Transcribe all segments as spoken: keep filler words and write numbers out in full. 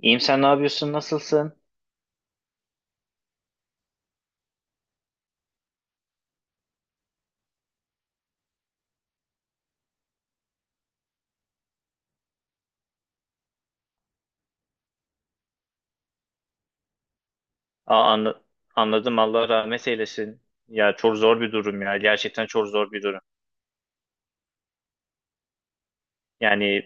İyiyim sen ne yapıyorsun? Nasılsın? Aa, anla- anladım Allah rahmet eylesin. Ya çok zor bir durum ya. Gerçekten çok zor bir durum. Yani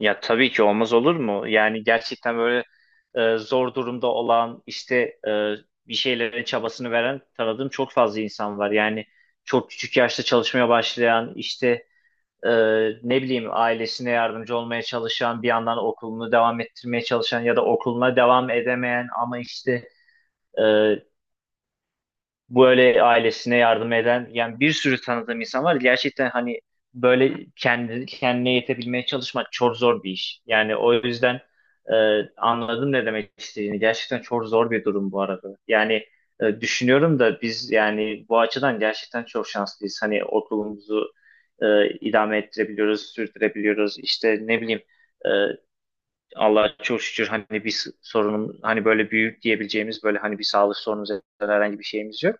ya tabii ki olmaz olur mu? Yani gerçekten böyle e, zor durumda olan işte e, bir şeylerin çabasını veren tanıdığım çok fazla insan var. Yani çok küçük yaşta çalışmaya başlayan işte e, ne bileyim ailesine yardımcı olmaya çalışan bir yandan okulunu devam ettirmeye çalışan ya da okuluna devam edemeyen ama işte e, böyle ailesine yardım eden yani bir sürü tanıdığım insan var. Gerçekten hani böyle kendi kendine yetebilmeye çalışmak çok zor bir iş. Yani o yüzden e, anladım ne demek istediğini. Gerçekten çok zor bir durum bu arada. Yani e, düşünüyorum da biz yani bu açıdan gerçekten çok şanslıyız. Hani okulumuzu e, idame ettirebiliyoruz, sürdürebiliyoruz. İşte ne bileyim e, Allah'a çok şükür hani bir sorunum hani böyle büyük diyebileceğimiz böyle hani bir sağlık sorunumuz ya da herhangi bir şeyimiz yok.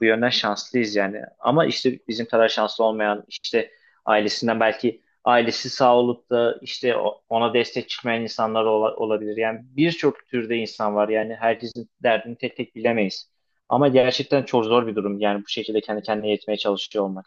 Bu yönden şanslıyız yani. Ama işte bizim kadar şanslı olmayan işte ailesinden belki ailesi sağ olup da işte o- ona destek çıkmayan insanlar ola- olabilir. Yani birçok türde insan var. Yani herkesin derdini tek tek bilemeyiz. Ama gerçekten çok zor bir durum. Yani bu şekilde kendi kendine yetmeye çalışıyor olmak.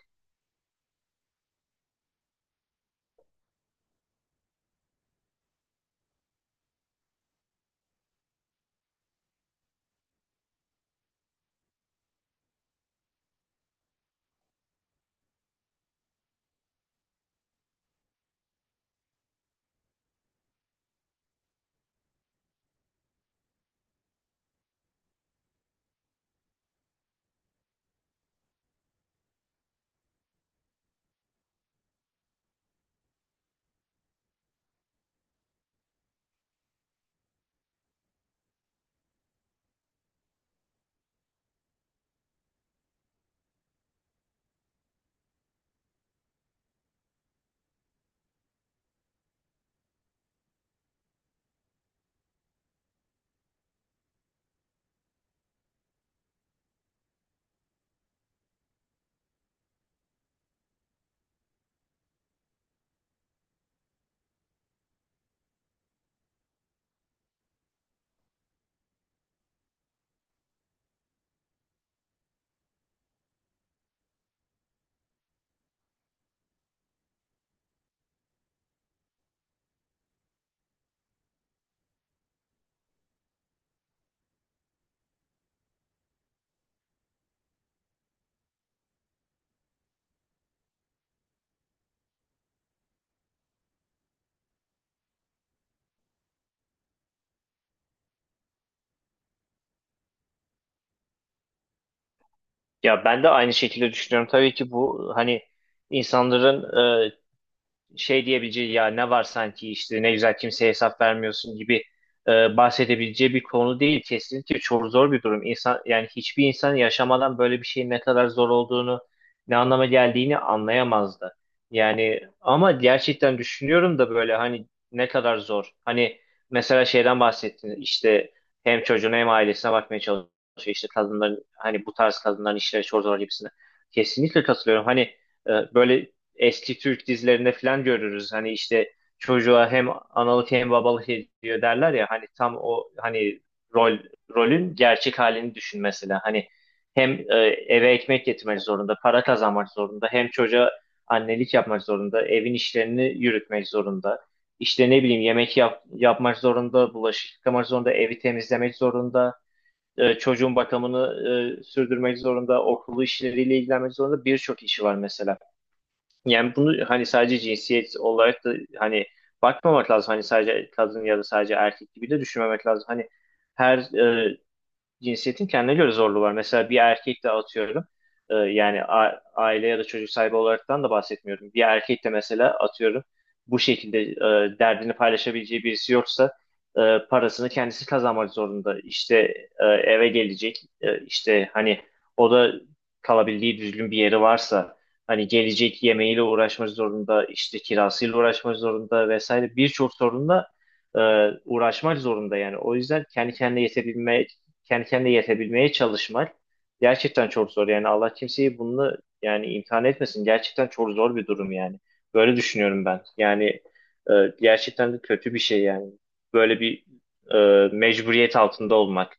Ya ben de aynı şekilde düşünüyorum. Tabii ki bu hani insanların şey diyebileceği ya ne var sanki işte ne güzel kimseye hesap vermiyorsun gibi e, bahsedebileceği bir konu değil. Kesinlikle çok zor bir durum. İnsan yani hiçbir insan yaşamadan böyle bir şeyin ne kadar zor olduğunu, ne anlama geldiğini anlayamazdı. Yani ama gerçekten düşünüyorum da böyle hani ne kadar zor. Hani mesela şeyden bahsettin işte hem çocuğuna hem ailesine bakmaya çalışıyor. İşte kadınların hani bu tarz kadınların işleri çok zor gibisine. Kesinlikle katılıyorum. Hani e, böyle eski Türk dizilerinde falan görürüz. Hani işte çocuğa hem analık hem babalık ediyor derler ya hani tam o hani rol rolün gerçek halini düşün mesela. Hani hem e, eve ekmek getirmek zorunda, para kazanmak zorunda, hem çocuğa annelik yapmak zorunda, evin işlerini yürütmek zorunda. İşte ne bileyim yemek yap- yapmak zorunda, bulaşık yıkamak zorunda, evi temizlemek zorunda, e, çocuğun bakımını e, sürdürmek zorunda, okulu işleriyle ilgilenmek zorunda birçok işi var mesela. Yani bunu hani sadece cinsiyet olarak da hani bakmamak lazım. Hani sadece kadın ya da sadece erkek gibi de düşünmemek lazım. Hani her e, cinsiyetin kendine göre zorluğu var. Mesela bir erkek de atıyorum e, yani a- aile ya da çocuk sahibi olaraktan da bahsetmiyorum. Bir erkek de mesela atıyorum bu şekilde e, derdini paylaşabileceği birisi yoksa e, parasını kendisi kazanmak zorunda. İşte e, eve gelecek e, işte hani o da kalabildiği düzgün bir yeri varsa hani gelecek yemeğiyle uğraşmak zorunda işte kirasıyla uğraşmak zorunda vesaire birçok sorunla e, uğraşmak zorunda yani. O yüzden kendi kendine yetebilme kendi kendine yetebilmeye çalışmak gerçekten çok zor. Yani Allah kimseyi bununla yani imtihan etmesin. Gerçekten çok zor bir durum yani. Böyle düşünüyorum ben. Yani e, gerçekten de kötü bir şey yani. Böyle bir e, mecburiyet altında olmak.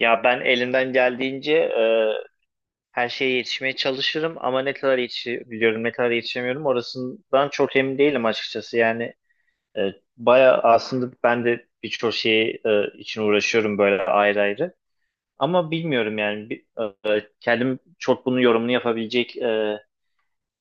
Ya ben elimden geldiğince e, her şeye yetişmeye çalışırım ama ne kadar yetişebiliyorum, ne kadar yetişemiyorum orasından çok emin değilim açıkçası. Yani e, baya aslında ben de birçok şeyi e, için uğraşıyorum böyle ayrı ayrı. Ama bilmiyorum yani bir- e, kendim çok bunun yorumunu yapabilecek e,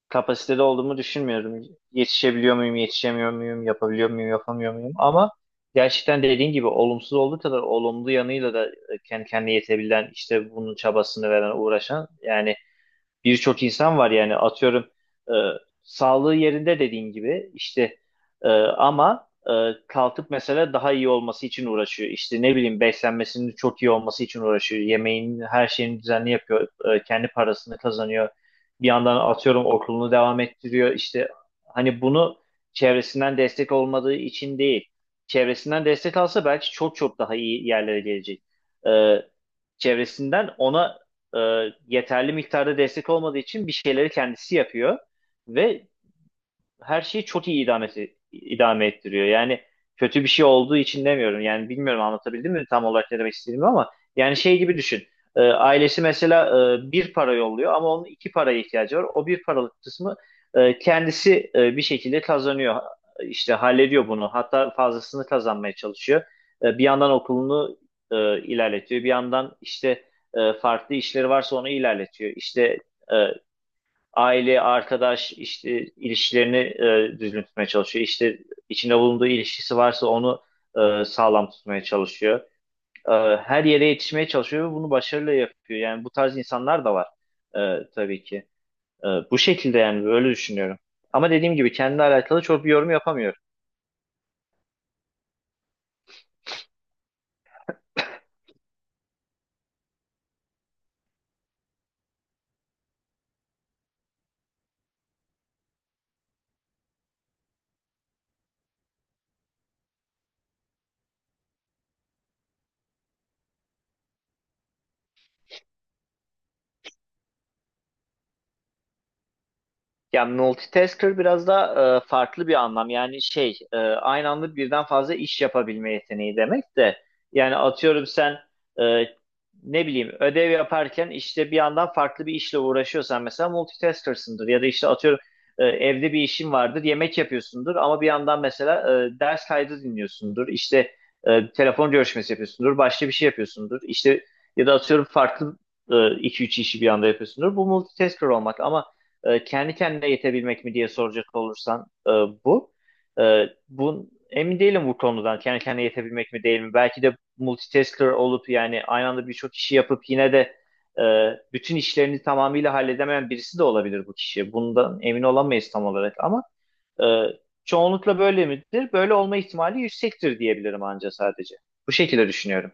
kapasitede olduğumu düşünmüyorum. Yetişebiliyor muyum, yetişemiyor muyum, yapabiliyor muyum, yapamıyor muyum? Ama gerçekten dediğin gibi olumsuz olduğu kadar olumlu yanıyla da e, kendi kendine yetebilen, işte bunun çabasını veren, uğraşan yani birçok insan var yani atıyorum e, sağlığı yerinde dediğin gibi işte e, ama e, kalkıp mesela daha iyi olması için uğraşıyor. İşte ne bileyim beslenmesinin çok iyi olması için uğraşıyor. Yemeğin her şeyini düzenli yapıyor. E, kendi parasını kazanıyor. Bir yandan atıyorum okulunu devam ettiriyor. İşte hani bunu çevresinden destek olmadığı için değil. Çevresinden destek alsa belki çok çok daha iyi yerlere gelecek. E, Çevresinden ona e, yeterli miktarda destek olmadığı için bir şeyleri kendisi yapıyor ve her şeyi çok iyi idamesi, idame ettiriyor. Yani kötü bir şey olduğu için demiyorum. Yani bilmiyorum anlatabildim mi tam olarak ne demek istediğimi ama yani şey gibi düşün. Ee, ailesi mesela e, bir para yolluyor ama onun iki paraya ihtiyacı var. O bir paralık kısmı e, kendisi e, bir şekilde kazanıyor. İşte hallediyor bunu. Hatta fazlasını kazanmaya çalışıyor. E, bir yandan okulunu e, ilerletiyor. Bir yandan işte e, farklı işleri varsa onu ilerletiyor. İşte e, aile, arkadaş işte ilişkilerini e, düzgün tutmaya çalışıyor. İşte içinde bulunduğu ilişkisi varsa onu e, sağlam tutmaya çalışıyor. E, Her yere yetişmeye çalışıyor ve bunu başarıyla yapıyor. Yani bu tarz insanlar da var e, tabii ki. E, bu şekilde yani böyle düşünüyorum. Ama dediğim gibi kendimle alakalı çok bir yorum yapamıyorum. Ya multitasker biraz da e, farklı bir anlam. Yani şey e, aynı anda birden fazla iş yapabilme yeteneği demek de. Yani atıyorum sen e, ne bileyim ödev yaparken işte bir yandan farklı bir işle uğraşıyorsan mesela multitasker'sındır. Ya da işte atıyorum e, evde bir işin vardır yemek yapıyorsundur ama bir yandan mesela e, ders kaydı dinliyorsundur. İşte e, telefon görüşmesi yapıyorsundur. Başka bir şey yapıyorsundur. İşte ya da atıyorum farklı e, iki üç işi bir anda yapıyorsundur. Bu multitasker olmak ama e, kendi kendine yetebilmek mi diye soracak olursan e, bu. E, bu emin değilim bu konudan kendi kendine yetebilmek mi değil mi? Belki de multitasker olup yani aynı anda birçok işi yapıp yine de e, bütün işlerini tamamıyla halledemeyen birisi de olabilir bu kişi. Bundan emin olamayız tam olarak ama e, çoğunlukla böyle midir? Böyle olma ihtimali yüksektir diyebilirim anca sadece. Bu şekilde düşünüyorum.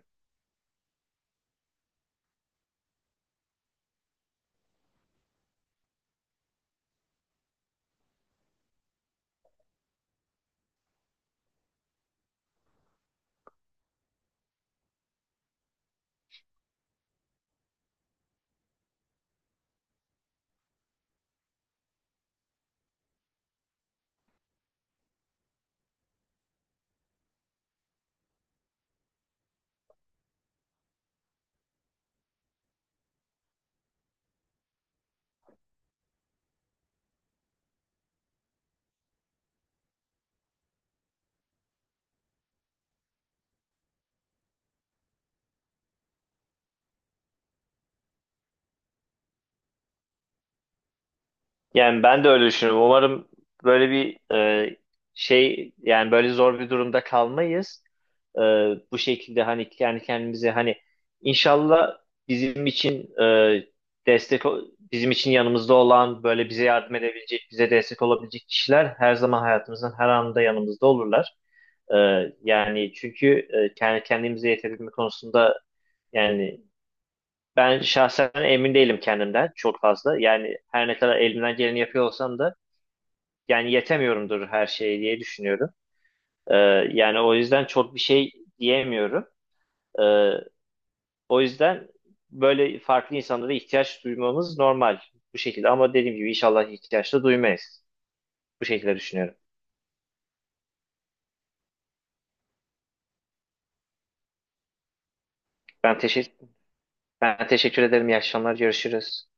Yani ben de öyle düşünüyorum. Umarım böyle bir e, şey yani böyle zor bir durumda kalmayız. E, Bu şekilde hani kendi kendimize hani inşallah bizim için e, destek o- bizim için yanımızda olan böyle bize yardım edebilecek bize destek olabilecek kişiler her zaman hayatımızın her anında yanımızda olurlar. E, Yani çünkü e, kendi kendimize yetebilme konusunda yani ben şahsen emin değilim kendimden çok fazla. Yani her ne kadar elimden geleni yapıyor olsam da yani yetemiyorumdur her şeye diye düşünüyorum. Ee, Yani o yüzden çok bir şey diyemiyorum. Ee, O yüzden böyle farklı insanlara ihtiyaç duymamız normal bu şekilde ama dediğim gibi inşallah ihtiyaç da duymayız. Bu şekilde düşünüyorum. Ben teşekkür ben teşekkür ederim. İyi akşamlar. Görüşürüz.